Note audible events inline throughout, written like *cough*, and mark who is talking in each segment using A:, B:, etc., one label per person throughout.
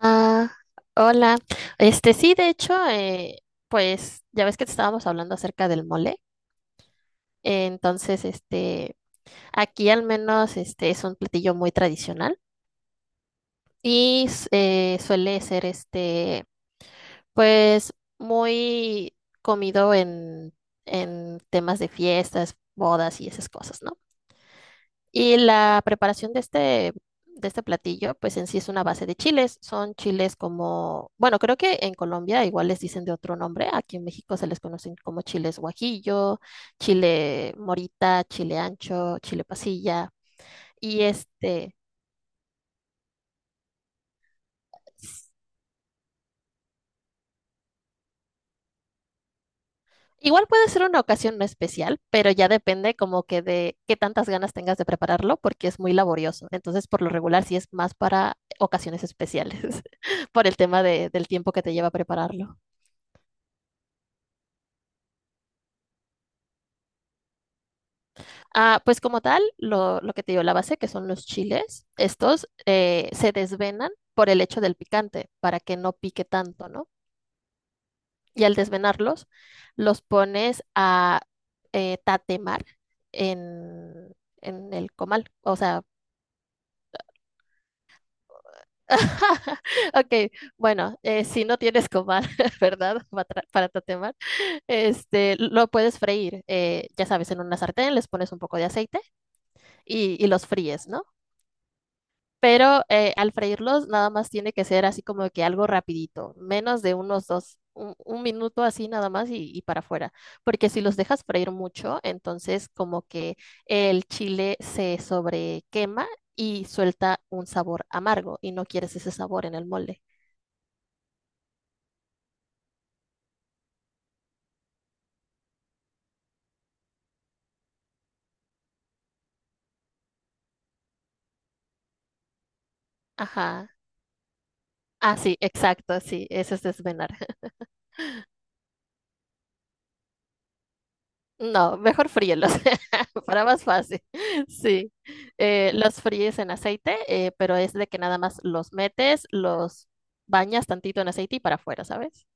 A: Ah, hola. Sí, de hecho, pues ya ves que te estábamos hablando acerca del mole. Entonces, aquí al menos este es un platillo muy tradicional y suele ser pues muy comido en temas de fiestas, bodas y esas cosas, ¿no? Y la preparación de este platillo, pues en sí es una base de chiles. Son chiles como, bueno, creo que en Colombia igual les dicen de otro nombre. Aquí en México se les conocen como chiles guajillo, chile morita, chile ancho, chile pasilla. Y s- igual puede ser una ocasión no especial, pero ya depende como que de qué tantas ganas tengas de prepararlo, porque es muy laborioso. Entonces, por lo regular, sí es más para ocasiones especiales, *laughs* por el tema del tiempo que te lleva prepararlo. Ah, pues como tal, lo que te digo, la base, que son los chiles, estos se desvenan por el hecho del picante, para que no pique tanto, ¿no? Y al desvenarlos, los pones a tatemar en, en el comal. O sea, *laughs* ok, bueno, si no tienes comal, *laughs* ¿verdad? Para tatemar, lo puedes freír, ya sabes, en una sartén les pones un poco de aceite y los fríes, ¿no? Pero al freírlos nada más tiene que ser así como que algo rapidito, menos de unos un minuto así nada más y para afuera. Porque si los dejas freír mucho, entonces como que el chile se sobrequema y suelta un sabor amargo y no quieres ese sabor en el mole. Ajá. Ah, sí, exacto, sí, eso es desvenar. No, mejor fríelos, *laughs* para más fácil. *laughs* Sí, los fríes en aceite, pero es de que nada más los metes, los bañas tantito en aceite y para afuera, ¿sabes?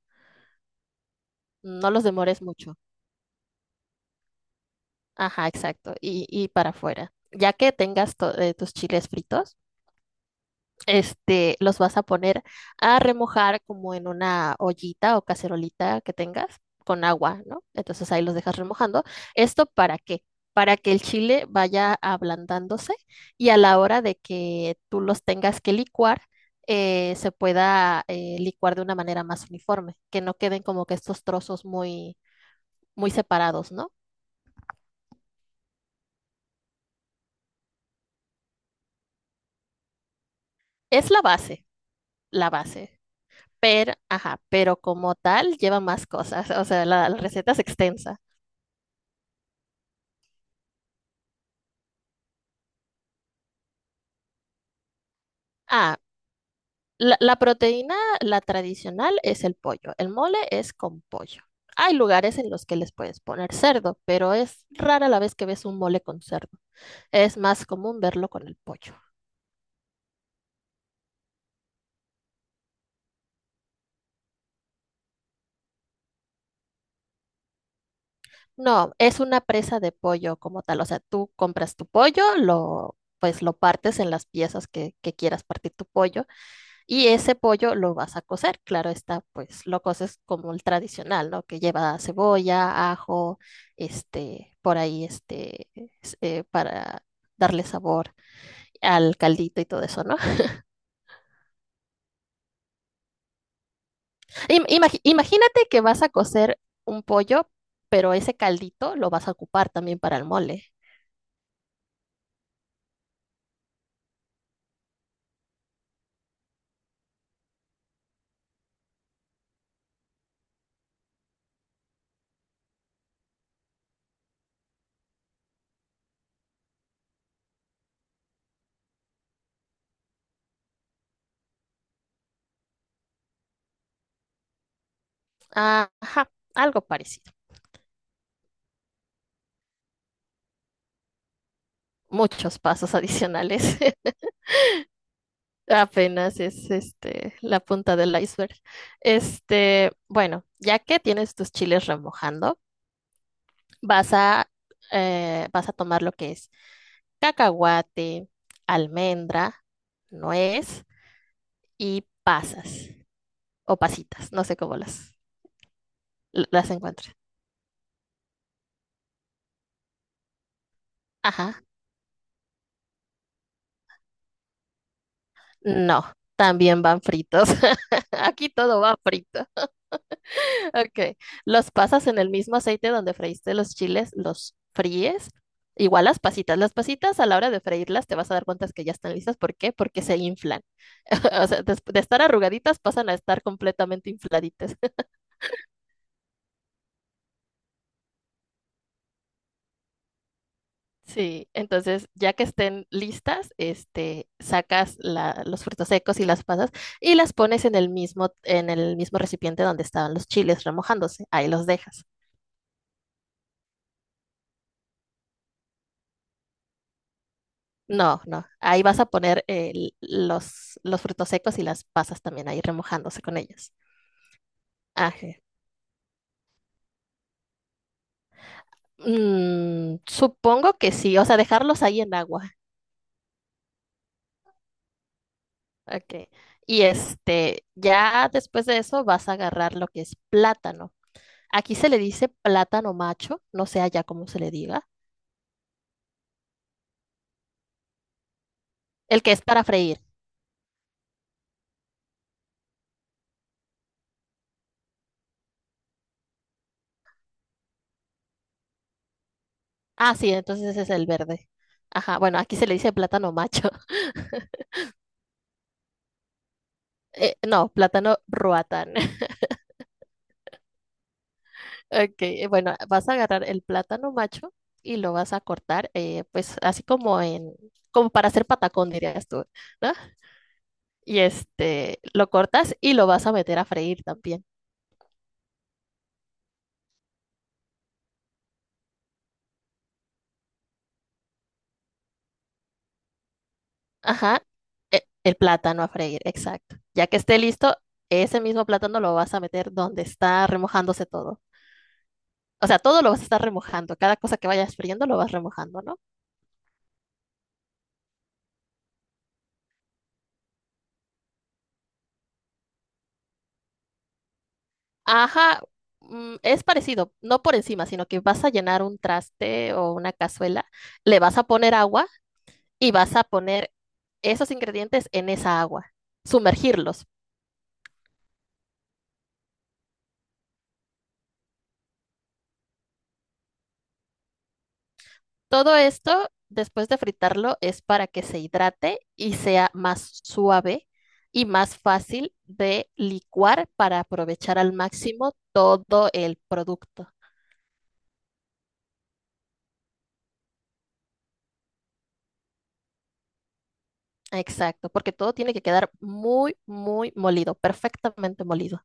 A: No los demores mucho. Ajá, exacto, y para afuera. Ya que tengas tus chiles fritos, los vas a poner a remojar como en una ollita o cacerolita que tengas con agua, ¿no? Entonces ahí los dejas remojando. ¿Esto para qué? Para que el chile vaya ablandándose y a la hora de que tú los tengas que licuar, se pueda licuar de una manera más uniforme, que no queden como que estos trozos muy separados, ¿no? Es la base, la base. Pero, ajá, pero como tal lleva más cosas, *laughs* o sea, la receta es extensa. Ah, la proteína, la tradicional, es el pollo. El mole es con pollo. Hay lugares en los que les puedes poner cerdo, pero es rara la vez que ves un mole con cerdo. Es más común verlo con el pollo. No, es una presa de pollo como tal. O sea, tú compras tu pollo, pues lo partes en las piezas que quieras partir tu pollo. Y ese pollo lo vas a cocer, claro está, pues lo coces como el tradicional, ¿no? Que lleva cebolla, ajo, este, por ahí, este, es- para darle sabor al caldito y todo eso, ¿no? *laughs* Imagínate que vas a cocer un pollo, pero ese caldito lo vas a ocupar también para el mole. Ah, ajá, algo parecido. Muchos pasos adicionales. *laughs* Apenas es este la punta del iceberg. Bueno, ya que tienes tus chiles remojando, vas a vas a tomar lo que es cacahuate, almendra, nuez y pasas o pasitas, no sé cómo las encuentres. Ajá. No, también van fritos. *laughs* Aquí todo va frito. Ok, los pasas en el mismo aceite donde freíste los chiles, los fríes. Igual las pasitas a la hora de freírlas te vas a dar cuenta que ya están listas. ¿Por qué? Porque se inflan. *laughs* O sea, de estar arrugaditas pasan a estar completamente infladitas. *laughs* Sí, entonces ya que estén listas, sacas los frutos secos y las pasas y las pones en el mismo recipiente donde estaban los chiles remojándose. Ahí los dejas. No, no. Ahí vas a poner los frutos secos y las pasas también ahí remojándose con ellos. Ajá. Mm, supongo que sí, o sea, dejarlos ahí en agua. Ok. Y ya después de eso vas a agarrar lo que es plátano. Aquí se le dice plátano macho, no sé allá cómo se le diga. El que es para freír. Ah, sí, entonces ese es el verde. Ajá, bueno, aquí se le dice plátano macho. *laughs* No, plátano ruatán. Ok, bueno, vas a agarrar el plátano macho y lo vas a cortar, pues así como como para hacer patacón, dirías tú, ¿no? Y lo cortas y lo vas a meter a freír también. Ajá, el plátano a freír, exacto. Ya que esté listo, ese mismo plátano lo vas a meter donde está remojándose todo. O sea, todo lo vas a estar remojando, cada cosa que vayas friendo lo vas remojando, ¿no? Ajá, mm, es parecido, no por encima, sino que vas a llenar un traste o una cazuela, le vas a poner agua y vas a poner esos ingredientes en esa agua, sumergirlos. Todo esto, después de fritarlo, es para que se hidrate y sea más suave y más fácil de licuar para aprovechar al máximo todo el producto. Exacto, porque todo tiene que quedar muy molido, perfectamente molido.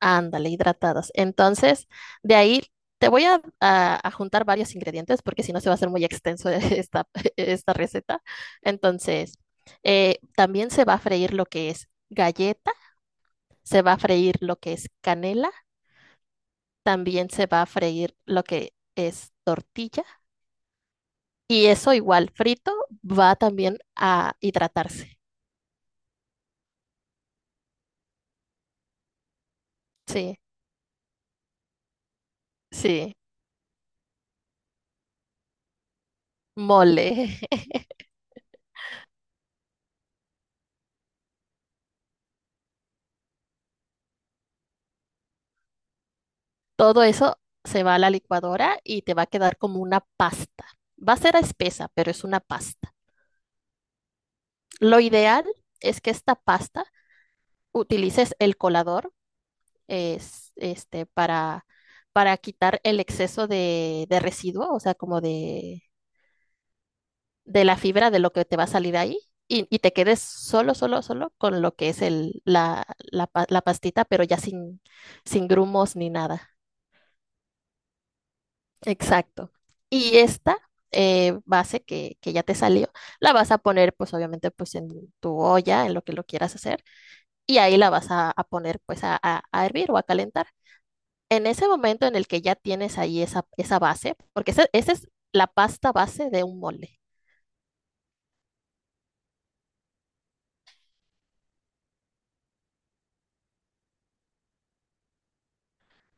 A: Ándale, hidratadas. Entonces, de ahí te voy a juntar varios ingredientes porque si no se va a hacer muy extenso *laughs* esta receta. Entonces, también se va a freír lo que es galleta, se va a freír lo que es canela, también se va a freír lo que es tortilla y eso igual frito va también a hidratarse. Sí, sí, mole. *laughs* Todo eso se va a la licuadora y te va a quedar como una pasta. Va a ser espesa, pero es una pasta. Lo ideal es que esta pasta utilices el colador es, para quitar el exceso de residuo, o sea, como de la fibra de lo que te va a salir ahí. Y te quedes solo con lo que es el, la pa- la pastita, pero ya sin grumos ni nada. Exacto. Y esta base que ya te salió, la vas a poner pues obviamente pues en tu olla, en lo que lo quieras hacer, y ahí la vas a poner pues a hervir o a calentar. En ese momento en el que ya tienes ahí esa base, porque esa es la pasta base de un mole.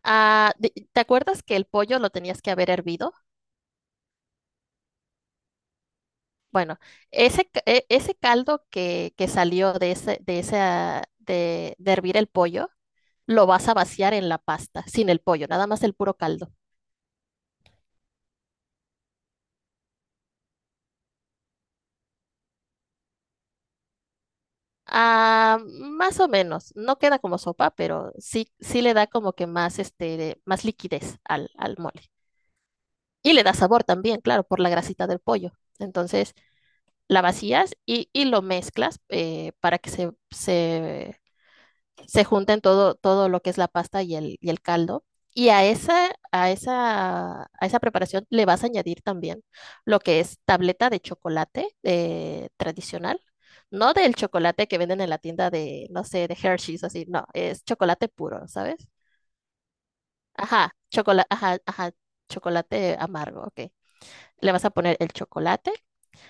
A: Ah, ¿te acuerdas que el pollo lo tenías que haber hervido? Bueno, ese caldo que salió de de hervir el pollo, lo vas a vaciar en la pasta, sin el pollo, nada más el puro caldo. Ah, más o menos, no queda como sopa, pero sí, sí le da como que más, más liquidez al mole. Y le da sabor también, claro, por la grasita del pollo. Entonces, la vacías y lo mezclas para que se se junten todo, todo lo que es la pasta y el caldo. Y a esa preparación le vas a añadir también lo que es tableta de chocolate tradicional. No del chocolate que venden en la tienda de, no sé, de Hershey's, así, no, es chocolate puro, ¿sabes? Ajá, chocolate, ajá, ajá, chocolate amargo, ok. Le vas a poner el chocolate,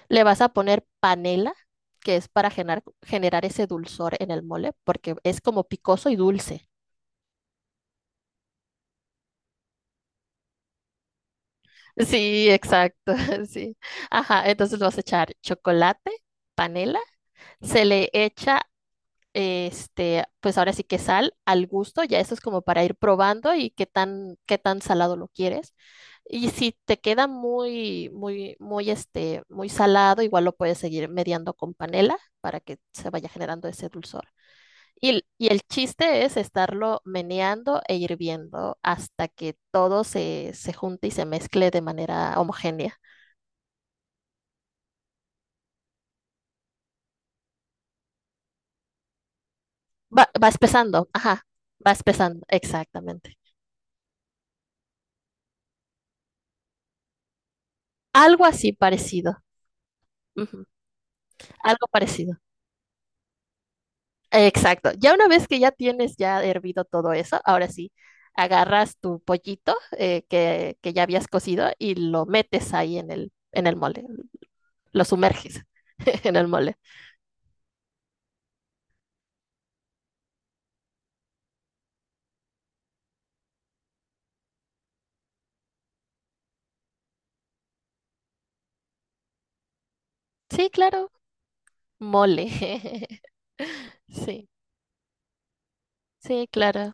A: le vas a poner panela, que es para generar ese dulzor en el mole, porque es como picoso y dulce. Sí, exacto, *laughs* sí. Ajá, entonces le vas a echar chocolate, panela, se le echa, pues ahora sí que sal al gusto, ya eso es como para ir probando y qué tan salado lo quieres. Y si te queda muy, muy salado, igual lo puedes seguir mediando con panela para que se vaya generando ese dulzor. Y el chiste es estarlo meneando e hirviendo hasta que todo se junte y se mezcle de manera homogénea. Va empezando, ajá, va empezando, exactamente. Algo así parecido, ujú. Algo parecido, exacto. Ya una vez que ya tienes ya hervido todo eso, ahora sí, agarras tu pollito que ya habías cocido y lo metes ahí en el mole, lo sumerges *laughs* en el mole. Sí, claro, mole. *laughs* Sí, sí, claro.